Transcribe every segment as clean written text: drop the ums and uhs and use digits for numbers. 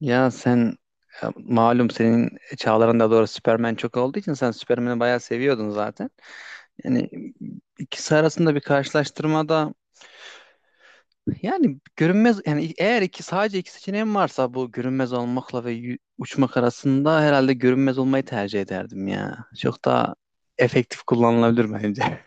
Ya sen, ya malum, senin çağlarında doğru Superman çok olduğu için sen Superman'i bayağı seviyordun zaten. Yani ikisi arasında bir karşılaştırmada, yani görünmez, yani eğer sadece iki seçeneğim varsa bu görünmez olmakla ve uçmak arasında herhalde görünmez olmayı tercih ederdim ya. Çok daha efektif kullanılabilir bence.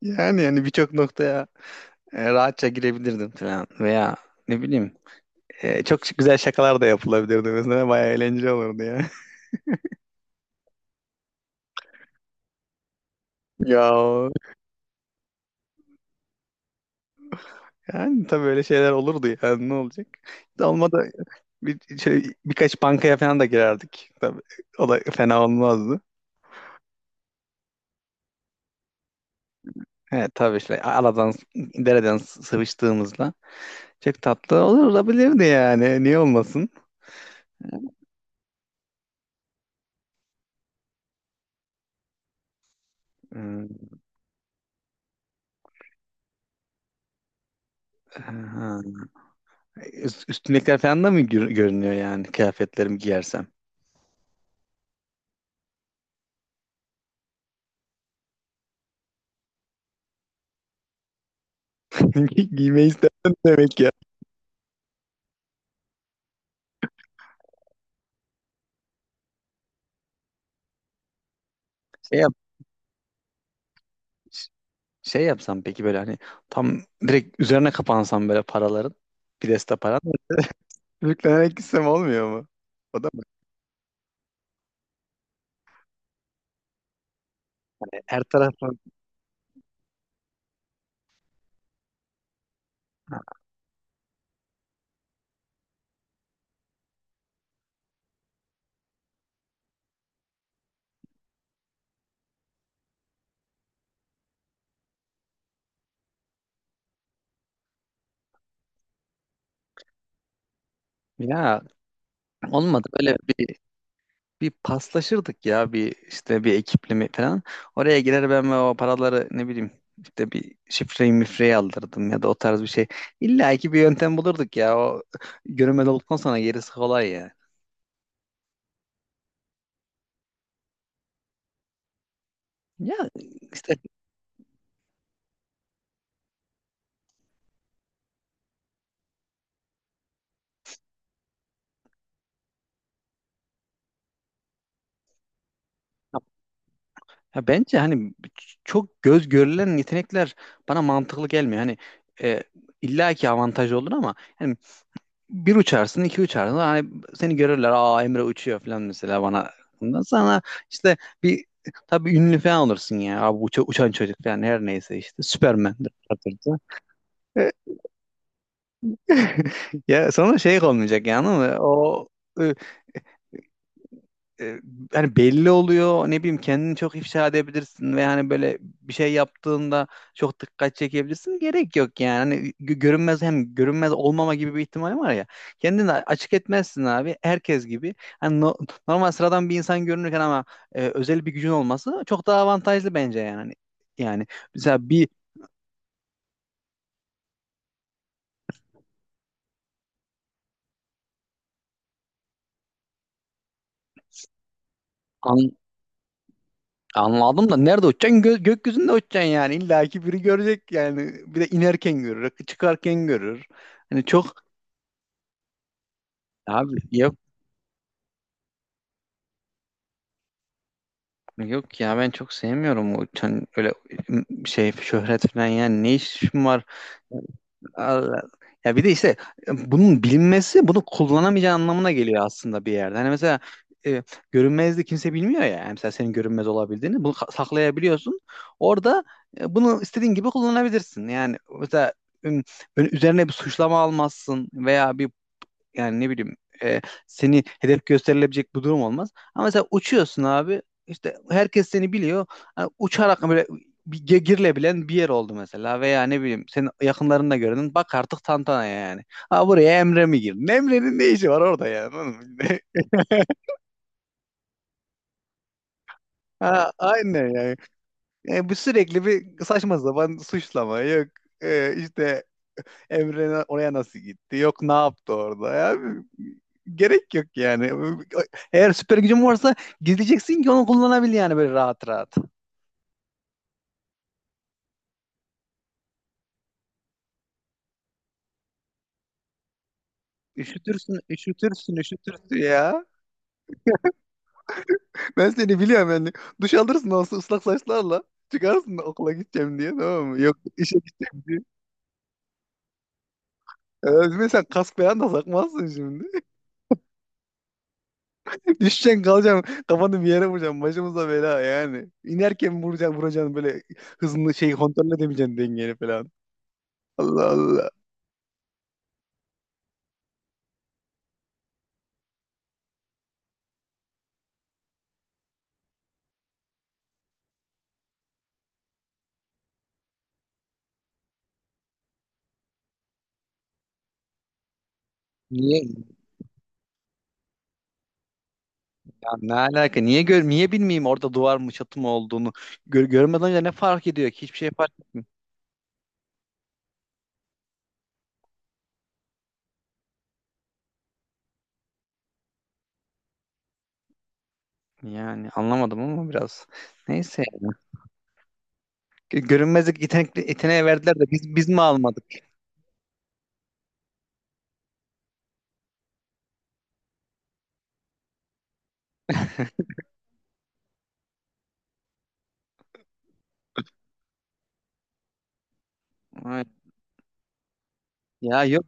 Yani birçok noktaya rahatça girebilirdim falan veya ne bileyim, çok güzel şakalar da yapılabilirdi, mesela bayağı eğlenceli olurdu ya. Ya, yani tabii öyle şeyler olurdu, yani ne olacak? Olmadı bir, şey, birkaç bankaya falan da girerdik. Tabii o da fena olmazdı. Evet, tabii işte aladan dereden sıvıştığımızla çok tatlı olur, olabilirdi yani. Niye olmasın? Hmm. Aha. Üstümdekiler falan da mı görünüyor, yani kıyafetlerimi giyersem? Giymeyi istersen demek ya. Şey yap, şey yapsam peki, böyle hani tam direkt üzerine kapansam böyle paraların, bir deste paran. Yüklenerek gitsem olmuyor mu? O da mı? Her taraftan, ya olmadı böyle bir paslaşırdık ya, bir işte bir ekiple mi falan. Oraya girer ben ve o paraları ne bileyim işte bir şifreyi mifreyi aldırdım, ya da o tarz bir şey. İlla ki bir yöntem bulurduk ya, o görünmez olduktan sonra gerisi kolay ya. Ya işte, ya bence hani çok göz görülen yetenekler bana mantıklı gelmiyor. Hani e, illa ki avantaj olur ama yani bir uçarsın, iki uçarsın. Hani seni görürler. Aa, Emre uçuyor falan mesela bana. Ondan sonra işte bir, tabii ünlü falan olursun ya. Abi uçan çocuk falan, her neyse işte. Süpermen'dir. Batırdı. Ya sonra şey olmayacak yani, ama o e, e, hani belli oluyor, ne bileyim kendini çok ifşa edebilirsin, ve hani böyle bir şey yaptığında çok dikkat çekebilirsin, gerek yok yani. Hani görünmez, hem görünmez olmama gibi bir ihtimal var ya, kendini açık etmezsin abi, herkes gibi hani normal, sıradan bir insan görünürken, ama özel bir gücün olması çok daha avantajlı bence. Yani, hani, yani mesela bir. an- Anladım da nerede uçacaksın? Gökyüzünde uçacaksın yani. İlla ki biri görecek yani. Bir de inerken görür, çıkarken görür. Hani çok. Abi. Yok ya, ben çok sevmiyorum o, öyle şey, şöhret falan. Yani ne işim var, Allah. Ya bir de işte bunun bilinmesi bunu kullanamayacağı anlamına geliyor aslında bir yerde. Hani mesela e, görünmezliği kimse bilmiyor ya. Yani mesela senin görünmez olabildiğini, bunu saklayabiliyorsun. Orada bunu istediğin gibi kullanabilirsin. Yani mesela üm, böyle üzerine bir suçlama almazsın, veya bir, yani ne bileyim e, seni hedef gösterilebilecek bir durum olmaz. Ama mesela uçuyorsun, abi işte herkes seni biliyor. Hani uçarak böyle bir girilebilen bir yer oldu mesela, veya ne bileyim senin yakınlarında gördün, bak artık tantana yani. Ha, buraya Emre mi girdi? Emre'nin ne işi var orada yani, oğlum? Ha, aynen yani. Bu sürekli bir saçma sapan suçlama, yok. İşte Emre oraya nasıl gitti? Yok, ne yaptı orada? Ya, gerek yok yani. Eğer süper gücün varsa gizleyeceksin ki onu kullanabil, yani böyle rahat rahat. Üşütürsün, üşütürsün, üşütürsün ya. Ben seni biliyorum yani. Duş alırsın, olsun ıslak saçlarla. Çıkarsın okula gideceğim diye, tamam mı? Yok, işe gideceğim diye. Sen kask falan da takmazsın şimdi. Düşeceksin, kalacaksın. Kafanı bir yere vuracaksın. Başımıza bela yani. İnerken vuracaksın, vuracaksın, böyle hızını, şey, kontrol edemeyeceksin, dengeni falan. Allah Allah. Niye, ya ne alaka? Niye, gör, niye bilmeyeyim orada duvar mı çatı mı olduğunu. Gör, görmeden önce ne fark ediyor ki? Hiçbir şey fark etmiyor yani. Anlamadım ama biraz. Neyse yani. Görünmezlik yetenekli yeteneğe verdiler de biz mi almadık? Ay, ya yok,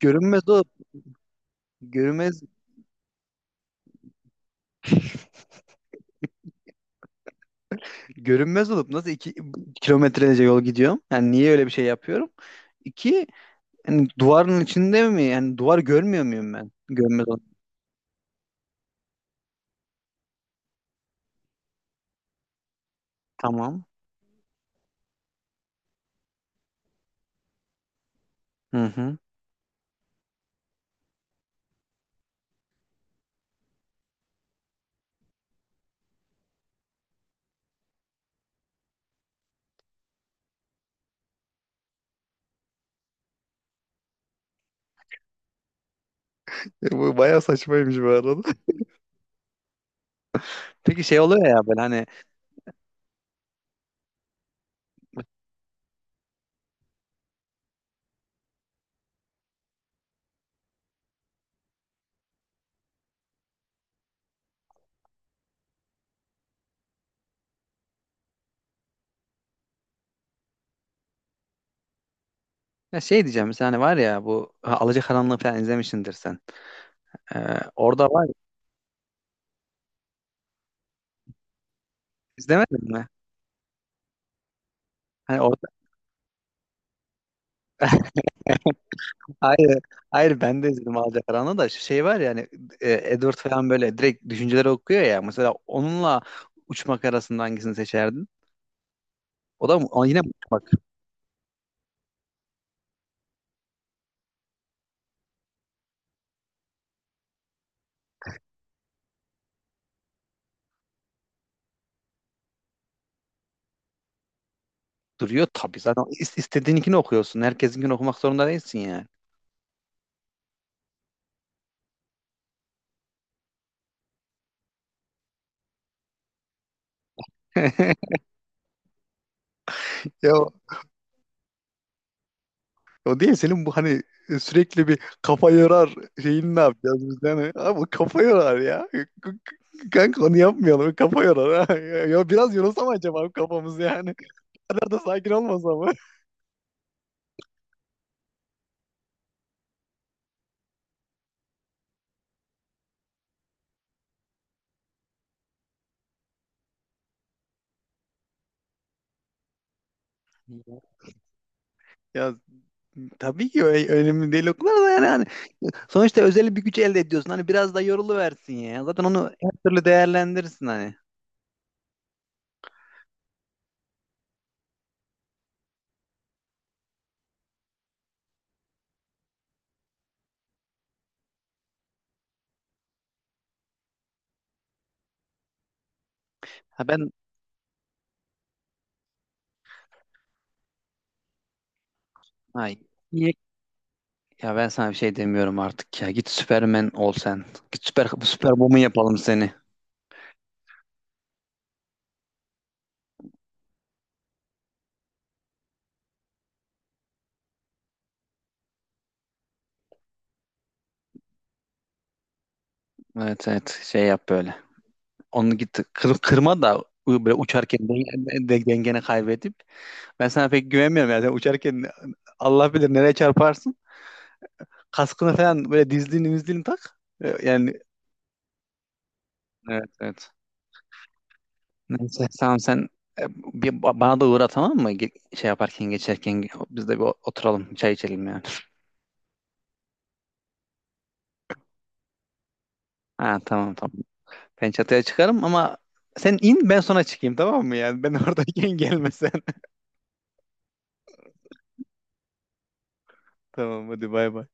görünmez olup görünmez görünmez olup nasıl iki kilometrelerce yol gidiyorum? Yani niye öyle bir şey yapıyorum? İki, yani duvarın içinde mi? Yani duvar görmüyor muyum ben, görünmez olup? Tamam. Hı hı. Bu bayağı saçmaymış bu arada. Peki şey oluyor ya böyle hani. Ya şey diyeceğim, mesela hani var ya bu, ha, Alacakaranlığı falan izlemişsindir sen. Ee, Orada var, izlemedin mi? Hani orada, hayır hayır, ben de izledim Alacakaranlığı, da şu şey var ya hani Edward falan böyle direkt düşünceleri okuyor ya. Mesela onunla uçmak arasında hangisini seçerdin? O da, o yine uçmak, duruyor tabii zaten istediğininkini okuyorsun. Herkesinkini okumak zorunda değilsin yani. Yo. O değil senin bu, hani sürekli bir kafa yorar şeyini ne yapacağız biz yani? Abi kafa yorar ya. Kanka, onu yapmayalım. Kafa yorar, ha. Ya, biraz yorulsam acaba kafamız yani. O kadar da sakin olmasa mı? Ya tabii ki önemli değil o da yani. Hani sonuçta özel bir güç elde ediyorsun. Hani biraz da yoruluversin ya. Zaten onu her türlü değerlendirirsin hani. Ha ben, ay, iyi. Ya ben sana bir şey demiyorum artık ya. Git, Superman ol sen. Git, süper Superwoman yapalım seni. Evet evet, şey yap böyle. Onu git kırma da, böyle uçarken dengeni kaybedip. Ben sana pek güvenmiyorum yani. Sen uçarken Allah bilir nereye çarparsın. Kaskını falan, böyle dizliğini mizliğini tak. Yani, evet evet. Neyse, tamam sen, bana da uğra, tamam mı? Şey yaparken, geçerken biz de bir oturalım, çay içelim yani. Ha, tamam tamam. Ben çatıya çıkarım ama sen in, ben sonra çıkayım, tamam mı yani? Ben oradayken gelmesen. Tamam, hadi bay bay.